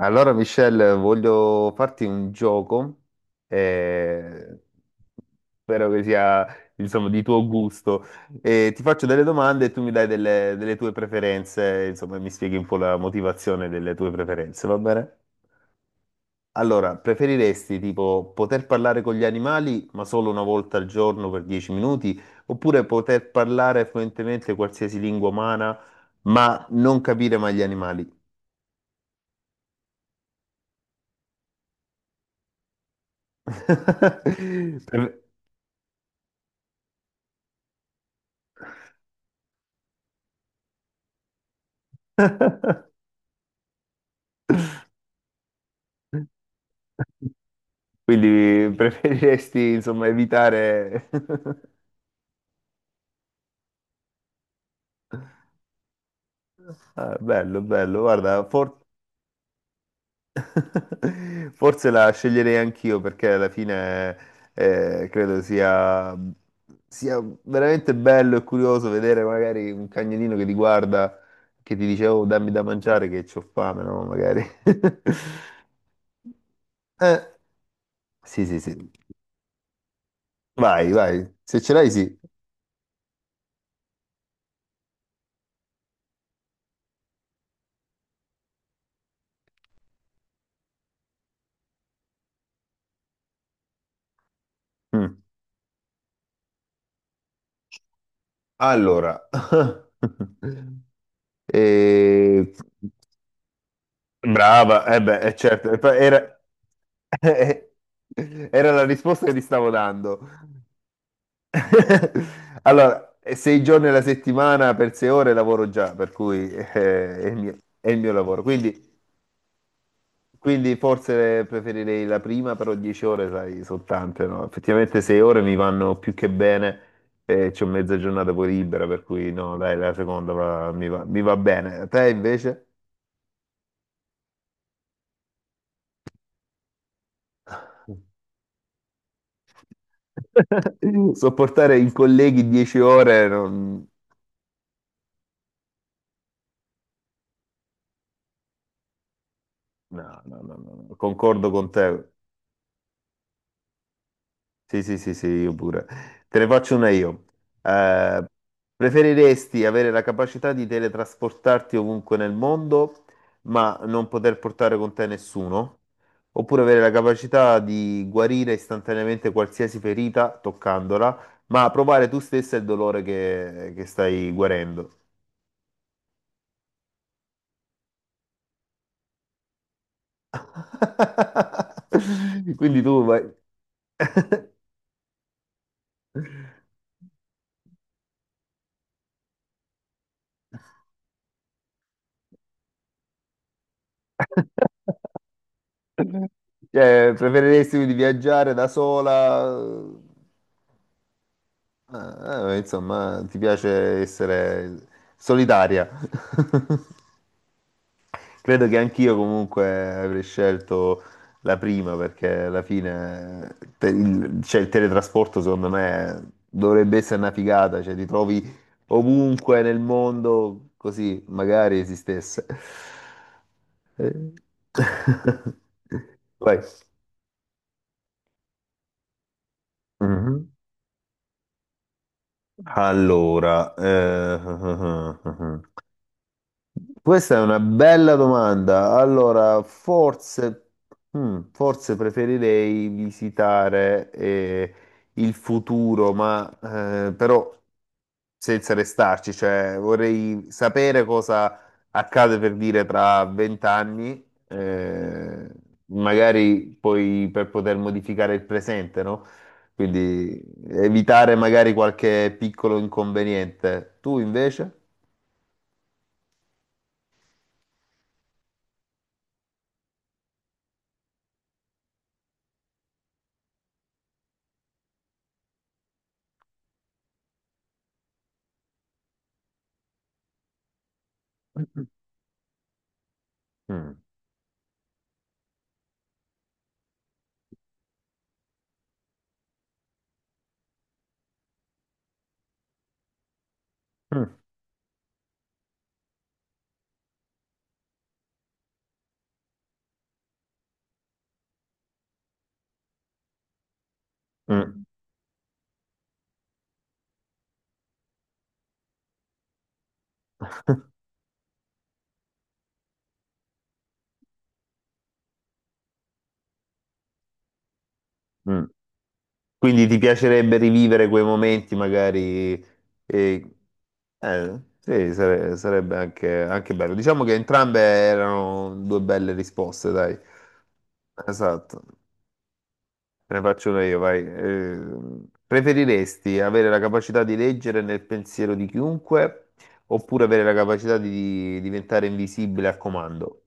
Allora, Michelle, voglio farti un gioco, eh, spero che sia, insomma, di tuo gusto. Ti faccio delle domande e tu mi dai delle tue preferenze, insomma, e mi spieghi un po' la motivazione delle tue preferenze, va bene? Allora, preferiresti tipo poter parlare con gli animali, ma solo una volta al giorno per 10 minuti, oppure poter parlare fluentemente qualsiasi lingua umana, ma non capire mai gli animali? Pre- Quindi preferiresti, insomma, evitare... Ah, bello, bello, guarda, for- forse la sceglierei anch'io perché alla fine credo sia... sia veramente bello e curioso vedere magari un cagnolino che ti guarda, che ti dice, oh, dammi da mangiare che c'ho fame, no? Magari. Eh, sì, sì, sì. Vai, vai. Se ce l'hai, sì. Mm. Allora, eh, Brava, eh beh, certo, e poi era... era la risposta che ti stavo dando. Allora, sei giorni alla settimana per sei ore lavoro già, per cui è il mio lavoro. Quindi forse preferirei la prima, però dieci ore, sai, sono tante, no? Effettivamente sei ore mi vanno più che bene e c'ho mezza giornata poi libera, per cui no, dai, la seconda va- mi va bene. A te invece? Sopportare i colleghi 10 ore, non- no, no, no, no, no, concordo con te. Sì, sì, sì, sì, io pure. Te ne faccio una io. Eh, preferiresti avere la capacità di teletrasportarti ovunque nel mondo, ma non poter portare con te nessuno? Oppure avere la capacità di guarire istantaneamente qualsiasi ferita toccandola, ma provare tu stessa il dolore che stai guarendo? Quindi tu vai- cioè, preferiresti di viaggiare da sola? Insomma, ti piace essere solitaria. Credo che anch'io comunque avrei scelto la prima perché alla fine te- il, cioè, il teletrasporto secondo me dovrebbe essere una figata, cioè ti trovi ovunque nel mondo così magari esistesse. Eh. Vai. Mhm. Allora, questa è una bella domanda. Allora, forse, forse preferirei visitare il futuro, ma però senza restarci, cioè vorrei sapere cosa accade per dire tra vent'anni, eh, magari poi per poter modificare il presente, no? Quindi evitare magari qualche piccolo inconveniente. Tu invece? Mm, mm, mm. Mm. Quindi ti piacerebbe rivivere quei momenti magari, eh, sì, sare- sarebbe anche, anche bello. Diciamo che entrambe erano due belle risposte, dai. Esatto, te ne faccio una io, vai. Preferiresti avere la capacità di leggere nel pensiero di chiunque oppure avere la capacità di diventare invisibile a comando?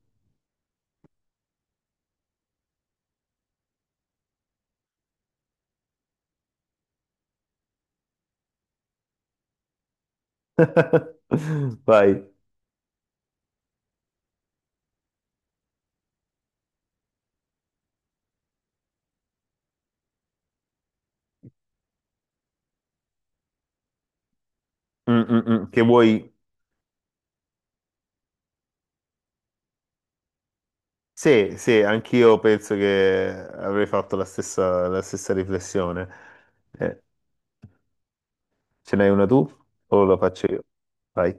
Vai. Mm, mm, mm, che vuoi? Sì, sì, anch'io penso che avrei fatto la stessa riflessione. Eh, ce n'hai una tu o la faccio io? Vai.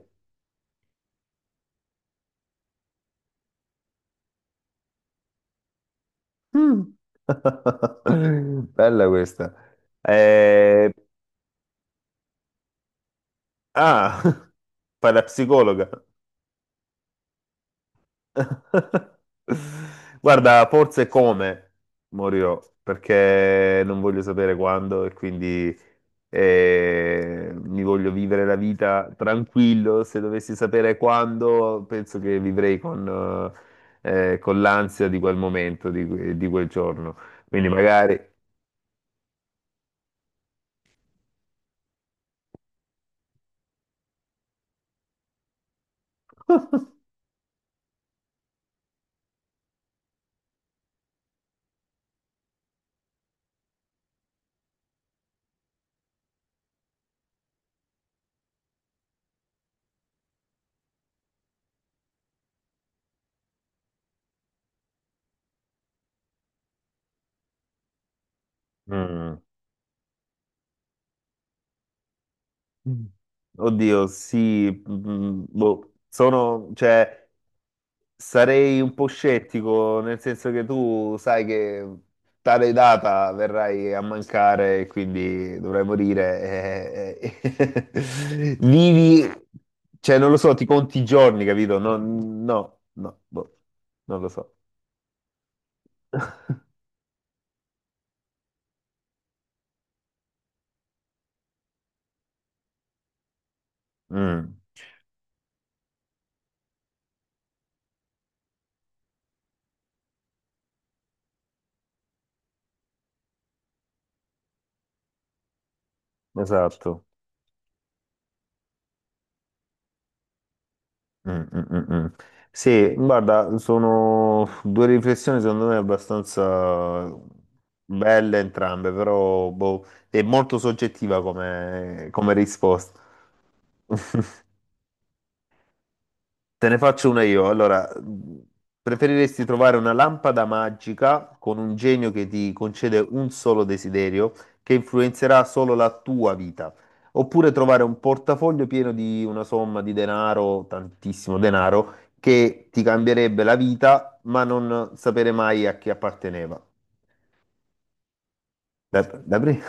Mm. Bella questa. Eh, ah, fai la psicologa. Guarda, forse come morirò, perché non voglio sapere quando e quindi mi voglio vivere la vita tranquillo. Se dovessi sapere quando, penso che vivrei con l'ansia di quel momento, di, que- di quel giorno. Quindi mm, magari... Mm. Oddio, sì, mm, boh, sono, cioè... Sarei un po' scettico, nel senso che tu sai che tale data verrai a mancare, e quindi dovrai morire. Vivi, cioè non lo so, ti conti i giorni, capito? No, no, no, boh, non lo so. Mm, esatto. Mm, mm, mm, mm. Sì, guarda, sono due riflessioni secondo me abbastanza belle entrambe, però boh, è molto soggettiva come, come risposta. Te ne faccio una io. Allora, preferiresti trovare una lampada magica con un genio che ti concede un solo desiderio che influenzerà solo la tua vita, oppure trovare un portafoglio pieno di una somma di denaro, tantissimo denaro, che ti cambierebbe la vita, ma non sapere mai a chi apparteneva? Da, da pre-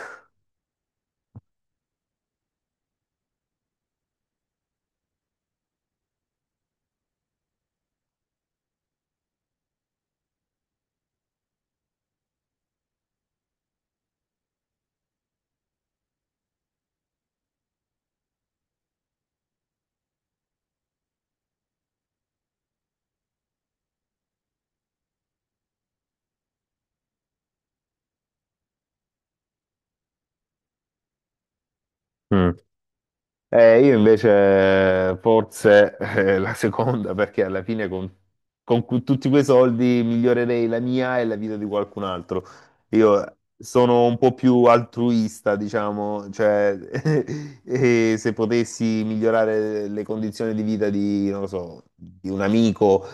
Mm. Io invece forse la seconda, perché alla fine con cu- tutti quei soldi migliorerei la mia e la vita di qualcun altro. Io sono un po' più altruista, diciamo, cioè e se potessi migliorare le condizioni di vita di, non lo so, di un amico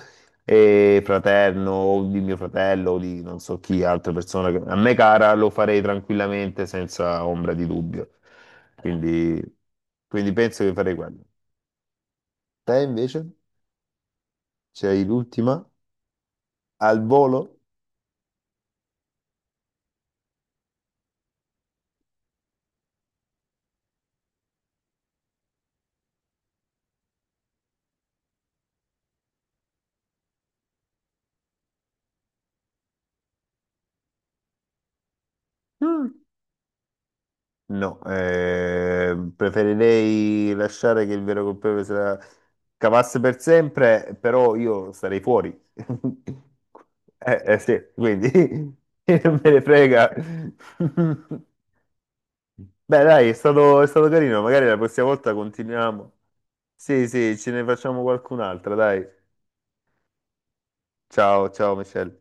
e fraterno o di mio fratello o di non so chi, altra persona che- a me cara, lo farei tranquillamente senza ombra di dubbio. Quindi, quindi penso che farei quello. Te invece? C'hai l'ultima? Al volo? Mm. No, preferirei lasciare che il vero colpevole se la cavasse per sempre, però io starei fuori. Sì, quindi non me ne frega. Beh, dai, è stato carino, magari la prossima volta continuiamo. Sì, sì, ce ne facciamo qualcun'altra, dai. Ciao, ciao, Michelle.